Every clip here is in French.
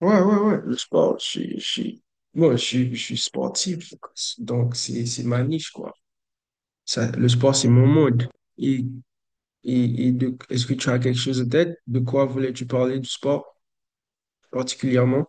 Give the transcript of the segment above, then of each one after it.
Ouais, ouais, ouais, le sport, moi, je suis sportif, donc c'est ma niche, quoi. Ça, le sport, c'est mon monde. Et, Est-ce que tu as quelque chose en tête? De quoi voulais-tu parler du sport particulièrement?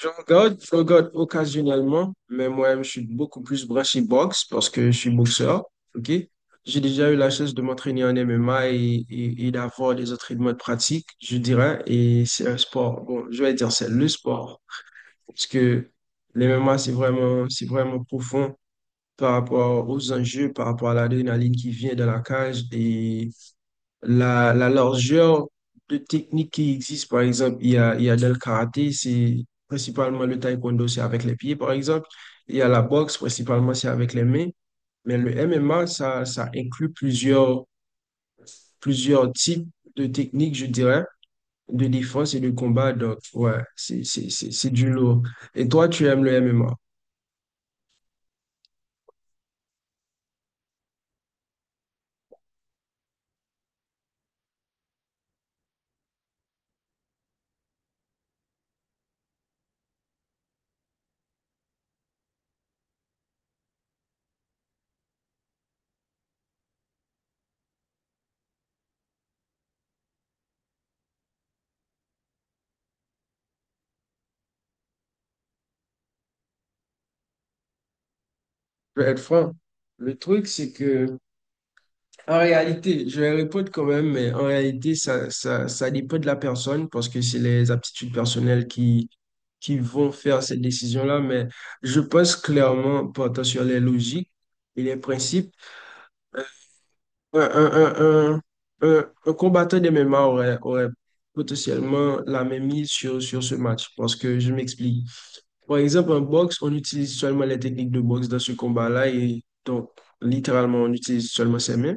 Je regarde occasionnellement, mais moi-même, je suis beaucoup plus branché boxe parce que je suis boxeur, ok? J'ai déjà eu la chance de m'entraîner en MMA et d'avoir des entraînements de pratique, je dirais, et c'est un sport, bon, je vais dire c'est le sport. Parce que l'MMA, c'est vraiment profond par rapport aux enjeux, par rapport à l'adrénaline qui vient dans la cage et la largeur de techniques qui existe. Par exemple, il y a dans le karaté, c'est principalement le taekwondo, c'est avec les pieds, par exemple. Il y a la boxe, principalement, c'est avec les mains. Mais le MMA, ça inclut plusieurs types de techniques, je dirais, de défense et de combat. Donc, ouais, c'est du lourd. Et toi, tu aimes le MMA? Je vais être franc. Le truc, c'est que, en réalité, je vais répondre quand même, mais en réalité, ça dépend de la personne parce que c'est les aptitudes personnelles qui vont faire cette décision-là. Mais je pense clairement, portant sur les logiques et les principes, ouais, un, un, un combattant de MMA aurait potentiellement la même mise sur ce match. Parce que je m'explique. Par exemple, en boxe, on utilise seulement les techniques de boxe dans ce combat-là. Et donc, littéralement, on utilise seulement ses mains.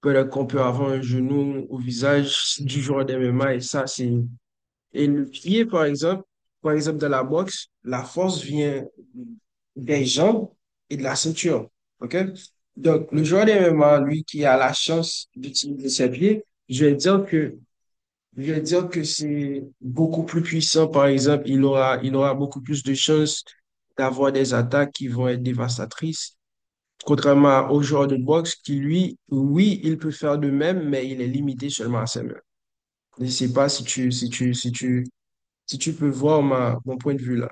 Peut-être qu'on peut avoir un genou au visage du joueur de MMA. Et ça, c'est. Et le pied, par exemple, dans la boxe, la force vient des jambes et de la ceinture. OK? Donc, le joueur de MMA, lui, qui a la chance d'utiliser ses pieds, je vais dire que c'est beaucoup plus puissant, par exemple. Il aura beaucoup plus de chances d'avoir des attaques qui vont être dévastatrices. Contrairement au joueur de boxe qui, lui, oui, il peut faire de même, mais il est limité seulement à ses mains. Je ne sais pas si tu peux voir mon point de vue là.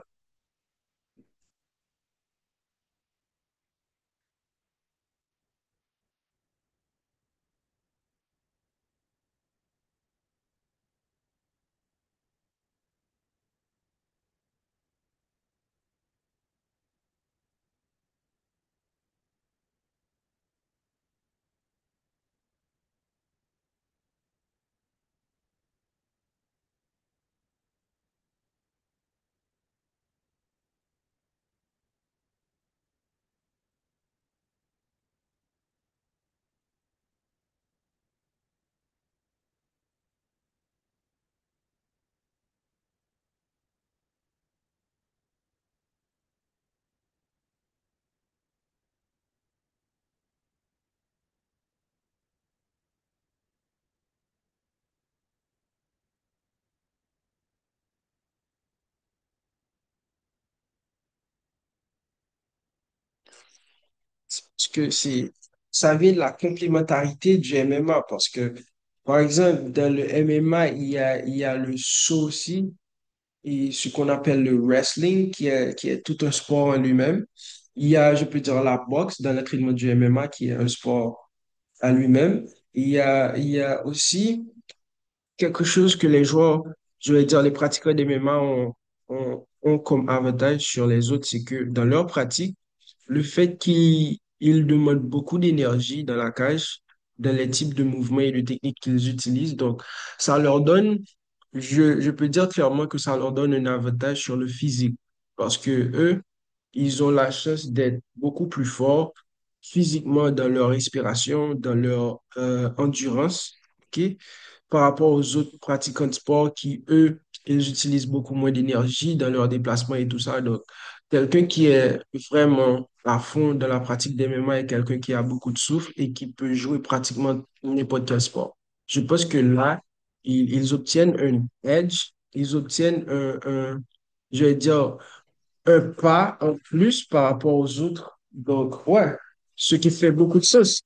Parce que ça vient de la complémentarité du MMA. Parce que, par exemple, dans le MMA, il y a le saut aussi, et ce qu'on appelle le wrestling, qui est tout un sport en lui-même. Il y a, je peux dire, la boxe dans l'entraînement du MMA, qui est un sport à lui-même. Il y a aussi quelque chose que les joueurs, je vais dire les pratiquants des MMA ont comme avantage sur les autres, c'est que dans leur pratique, le fait qu'ils ils demandent beaucoup d'énergie dans la cage, dans les types de mouvements et de techniques qu'ils utilisent, donc ça leur donne, je peux dire clairement que ça leur donne un avantage sur le physique. Parce que eux, ils ont la chance d'être beaucoup plus forts physiquement dans leur respiration, dans leur endurance, ok, par rapport aux autres pratiquants de sport qui, eux, ils utilisent beaucoup moins d'énergie dans leurs déplacements et tout ça. Donc, quelqu'un qui est vraiment à fond dans la pratique des MMA est quelqu'un qui a beaucoup de souffle et qui peut jouer pratiquement n'importe quel sport. Je pense que là, ils obtiennent un edge, ils obtiennent je vais dire, un pas en plus par rapport aux autres. Donc, ouais, ce qui fait beaucoup de sens.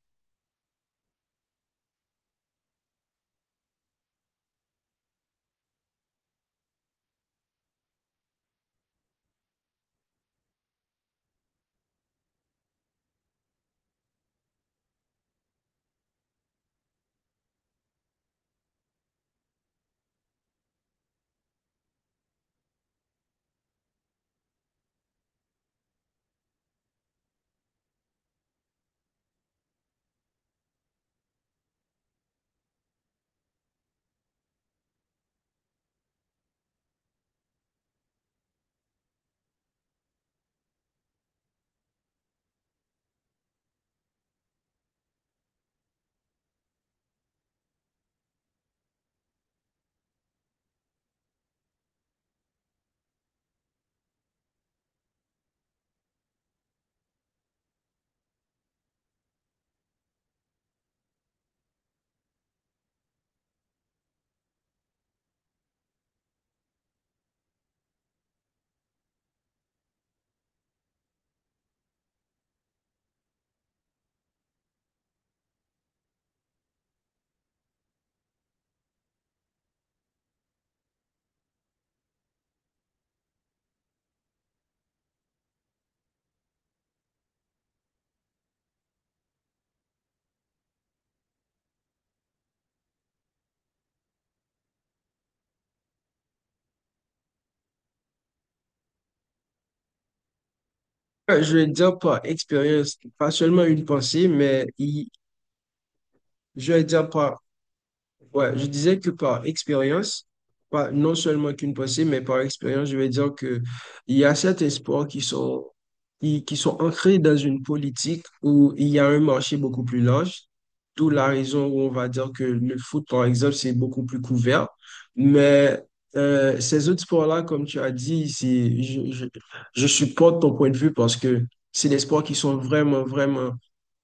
Je vais dire par expérience, pas seulement une pensée, mais il- je vais dire par ouais, je disais que par expérience, pas non seulement qu'une pensée, mais par expérience, je vais dire que il y a certains sports qui sont, qui sont ancrés dans une politique où il y a un marché beaucoup plus large. D'où la raison où on va dire que le foot, par exemple, c'est beaucoup plus couvert. Mais ces autres sports-là, comme tu as dit, je supporte ton point de vue parce que c'est des sports qui sont vraiment, vraiment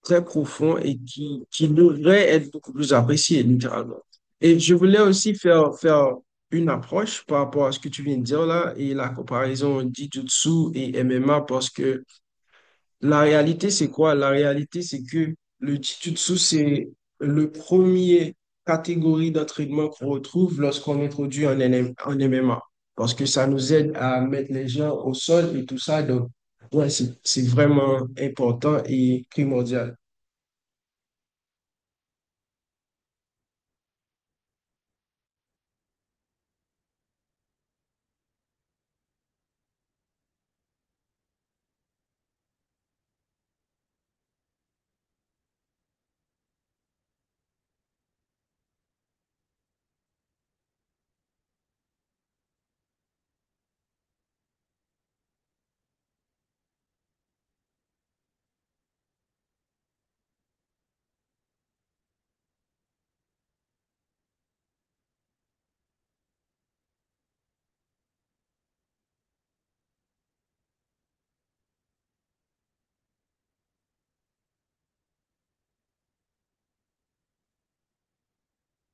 très profonds et qui devraient être beaucoup plus appréciés, littéralement. Et je voulais aussi faire une approche par rapport à ce que tu viens de dire là et la comparaison Jiu-Jitsu et MMA parce que la réalité, c'est quoi? La réalité, c'est que le Jiu-Jitsu, c'est le premier catégorie d'entraînement qu'on retrouve lorsqu'on introduit un NM un MMA parce que ça nous aide à mettre les gens au sol et tout ça. Donc, ouais, c'est vraiment important et primordial.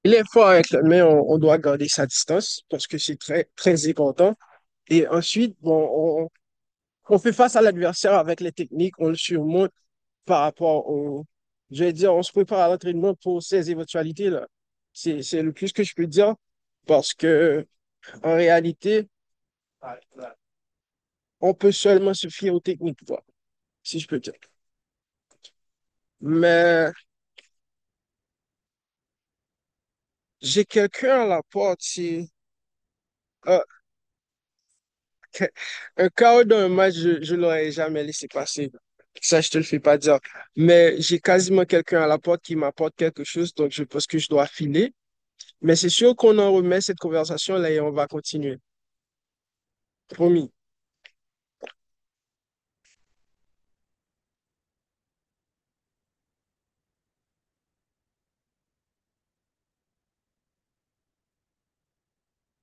Il est fort avec le- mais on doit garder sa distance parce que c'est très, très important. Et ensuite, bon, on fait face à l'adversaire avec les techniques, on le surmonte par rapport au. Je vais dire, on se prépare à l'entraînement pour ces éventualités-là. C'est le plus que je peux dire parce que, en réalité, on peut seulement se fier aux techniques, quoi, si je peux dire. Mais j'ai quelqu'un à la porte, c'est. euh, Un chaos dans un match, je ne l'aurais jamais laissé passer. Ça, je te le fais pas dire. Mais j'ai quasiment quelqu'un à la porte qui m'apporte quelque chose, donc je pense que je dois filer. Mais c'est sûr qu'on en remet cette conversation-là et on va continuer. Promis.